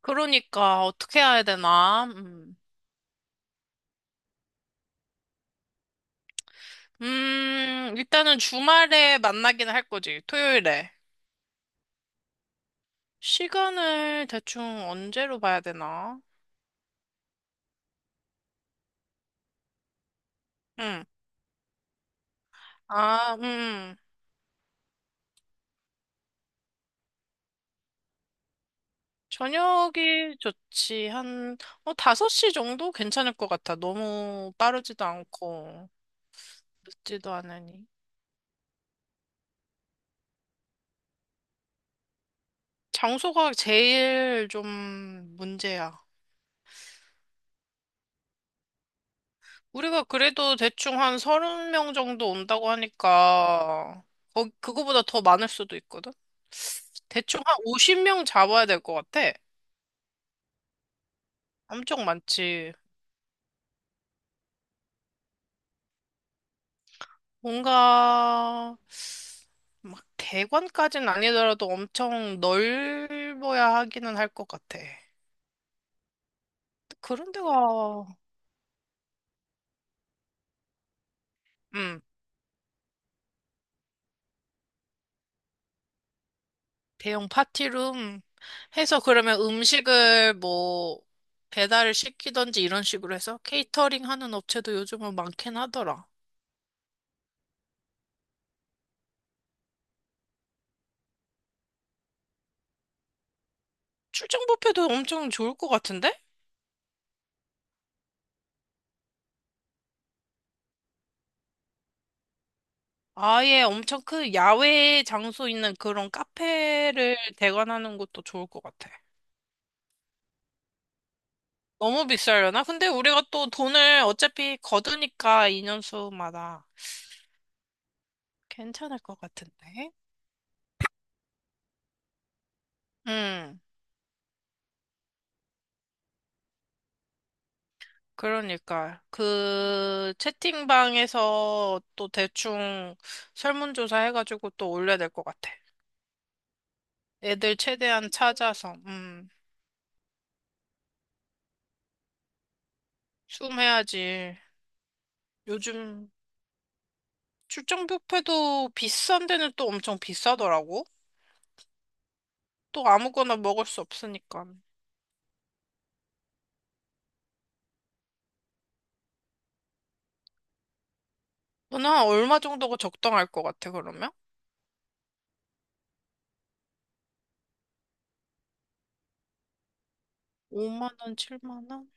그러니까 어떻게 해야 되나? 일단은 주말에 만나기는 할 거지. 토요일에. 시간을 대충 언제로 봐야 되나? 응. 아, 저녁이 좋지. 한, 5시 정도 괜찮을 것 같아. 너무 빠르지도 않고, 늦지도 않으니. 장소가 제일 좀 문제야. 우리가 그래도 대충 한 30명 정도 온다고 하니까, 그거보다 더 많을 수도 있거든? 대충 한 50명 잡아야 될 것 같아. 엄청 많지. 뭔가 막 대관까지는 아니더라도 엄청 넓어야 하기는 할 것 같아. 그런 데가 음, 대형 파티룸 해서 그러면 음식을 뭐 배달을 시키던지 이런 식으로 해서 케이터링 하는 업체도 요즘은 많긴 하더라. 출장 뷔페도 엄청 좋을 것 같은데? 아예 엄청 큰 야외 장소 있는 그런 카페를 대관하는 것도 좋을 것 같아. 너무 비싸려나? 근데 우리가 또 돈을 어차피 거두니까 인원수마다 괜찮을 것 같은데? 음, 그러니까. 그 채팅방에서 또 대충 설문조사 해가지고 또 올려야 될 것 같아. 애들 최대한 찾아서, 숨해야지. 요즘 출장 뷔페도 비싼 데는 또 엄청 비싸더라고. 또 아무거나 먹을 수 없으니까. 너는 한 얼마 정도가 적당할 것 같아, 그러면? 5만 원, 7만 원?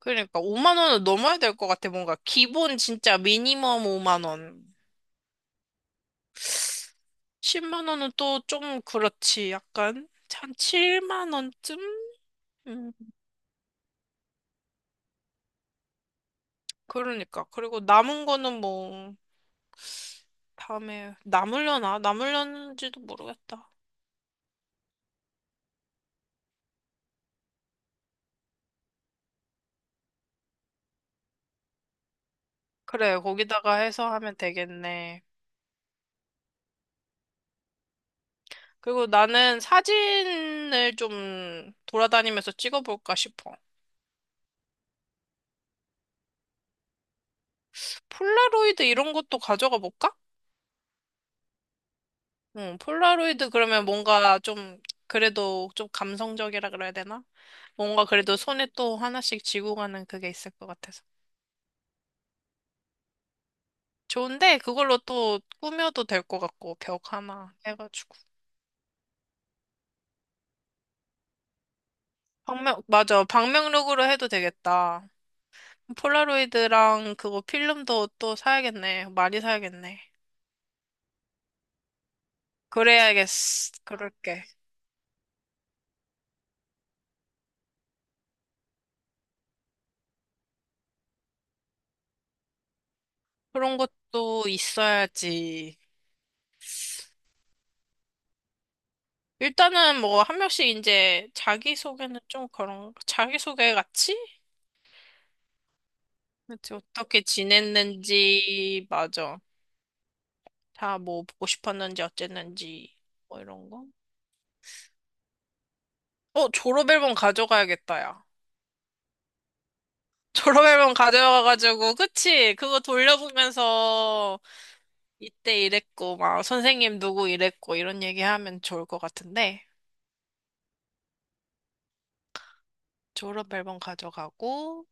그러니까 5만 원은 넘어야 될 것 같아, 뭔가. 기본 진짜 미니멈 5만 원. 10만 원은 또 좀 그렇지, 약간. 한 7만 원쯤? 음, 그러니까. 그리고 남은 거는 뭐, 다음에, 남으려나? 남으려는지도 모르겠다. 그래, 거기다가 해서 하면 되겠네. 그리고 나는 사진을 좀 돌아다니면서 찍어볼까 싶어. 폴라로이드 이런 것도 가져가 볼까? 응, 폴라로이드 그러면 뭔가 좀, 그래도 좀 감성적이라 그래야 되나? 뭔가 그래도 손에 또 하나씩 쥐고 가는 그게 있을 것 같아서. 좋은데, 그걸로 또 꾸며도 될 것 같고, 벽 하나 해가지고. 맞아. 방명록으로 해도 되겠다. 폴라로이드랑 그거 필름도 또 사야겠네. 많이 사야겠네. 그래야겠어. 그럴게. 그런 것도 있어야지. 일단은 뭐 한 명씩 이제 자기소개는 좀 그런 자기소개 같이 그치, 어떻게 지냈는지 맞아 다 뭐 보고 싶었는지 어쨌는지 뭐 이런 거. 어 졸업앨범 가져가야겠다 야. 졸업앨범 가져가가지고 그치 그거 돌려보면서 이때 이랬고 막 선생님 누구 이랬고 이런 얘기하면 좋을 것 같은데 졸업앨범 가져가고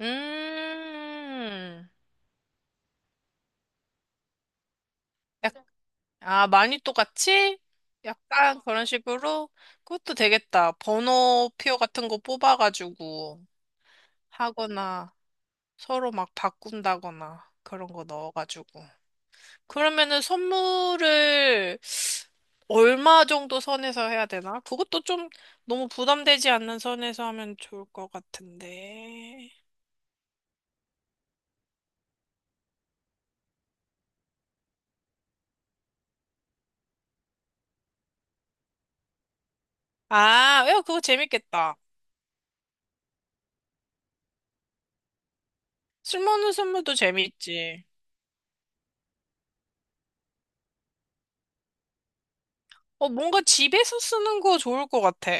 음. 약간 아, 많이 똑같이? 약간 그런 식으로? 그것도 되겠다. 번호표 같은 거 뽑아가지고 하거나 서로 막 바꾼다거나 그런 거 넣어가지고. 그러면은 선물을 얼마 정도 선에서 해야 되나? 그것도 좀 너무 부담되지 않는 선에서 하면 좋을 것 같은데. 아, 야, 그거 재밌겠다. 쓸모없는 선물도 재밌지. 어, 뭔가 집에서 쓰는 거 좋을 것 같아.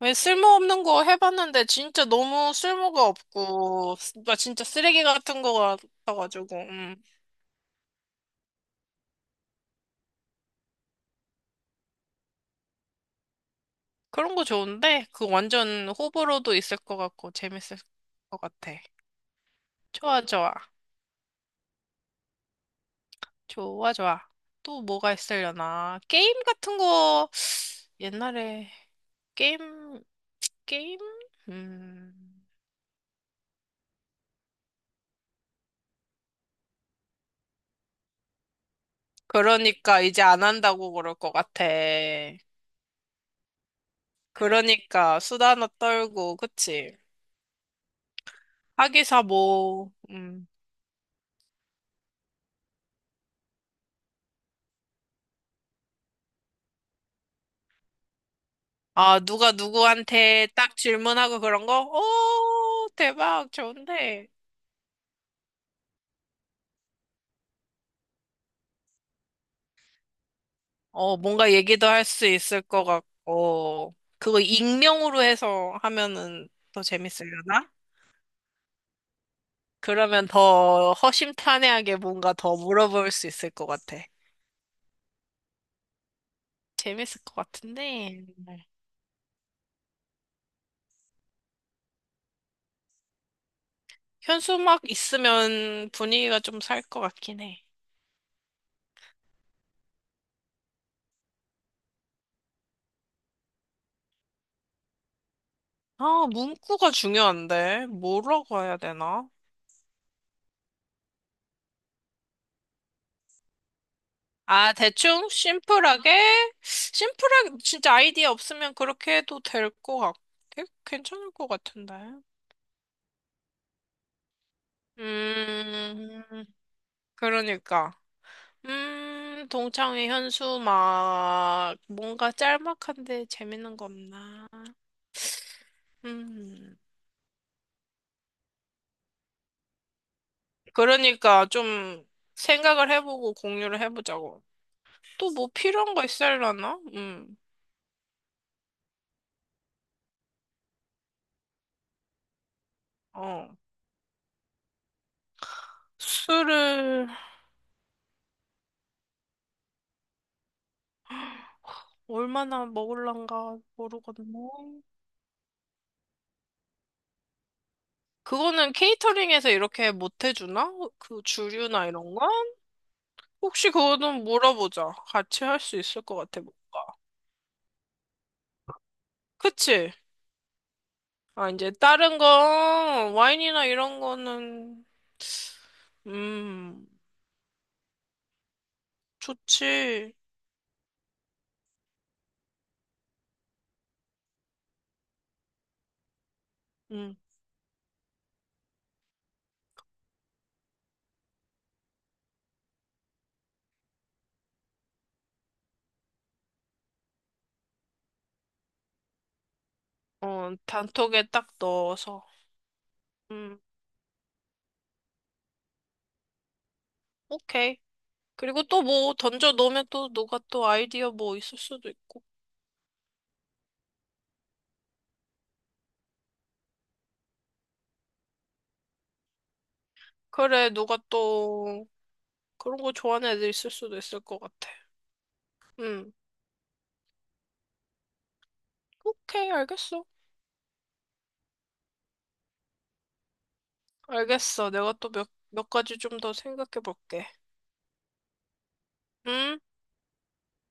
왜 쓸모없는 거 해봤는데 진짜 너무 쓸모가 없고 나 진짜 쓰레기 같은 거 같아가지고 그런 거 좋은데 그 완전 호불호도 있을 것 같고 재밌을 것 같아. 좋아 좋아 좋아 좋아. 또 뭐가 있으려나? 게임 같은 거 옛날에 게임 게임? 음 그러니까 이제 안 한다고 그럴 것 같아. 그러니까 수다나 떨고 그치? 하기사 뭐 아, 누가 누구한테 딱 질문하고 그런 거? 오, 대박, 좋은데. 어, 뭔가 얘기도 할 수 있을 것 같고, 그거 익명으로 해서 하면은 더 재밌으려나? 그러면 더 허심탄회하게 뭔가 더 물어볼 수 있을 것 같아. 재밌을 것 같은데. 네. 현수막 있으면 분위기가 좀 살 것 같긴 해. 아, 문구가 중요한데. 뭐라고 해야 되나? 아, 대충 심플하게, 심플하게, 진짜 아이디어 없으면 그렇게 해도 될 것 같, 괜찮을 것 같은데. 음, 그러니까. 동창회 현수 막, 뭔가 짤막한데 재밌는 거 없나. 음, 그러니까 좀 생각을 해보고 공유를 해보자고. 또 뭐 필요한 거있야하나 어. 술을 얼마나 먹을란가 모르겠네. 그거는 케이터링에서 이렇게 못 해주나? 그 주류나 이런 건? 혹시 그거는 물어보자. 같이 할 수 있을 것 같아. 그치? 아, 이제 다른 건 와인이나 이런 거는, 음, 좋지. 음, 어, 단톡에 딱 넣어서. 음, 오케이. 그리고 또 뭐 던져 놓으면 또 누가 또 아이디어 뭐 있을 수도 있고. 그래, 누가 또 그런 거 좋아하는 애들 있을 수도 있을 것 같아. 음, 오케이, 알겠어. 알겠어. 내가 또 몇 가지 좀 더 생각해 볼게. 응?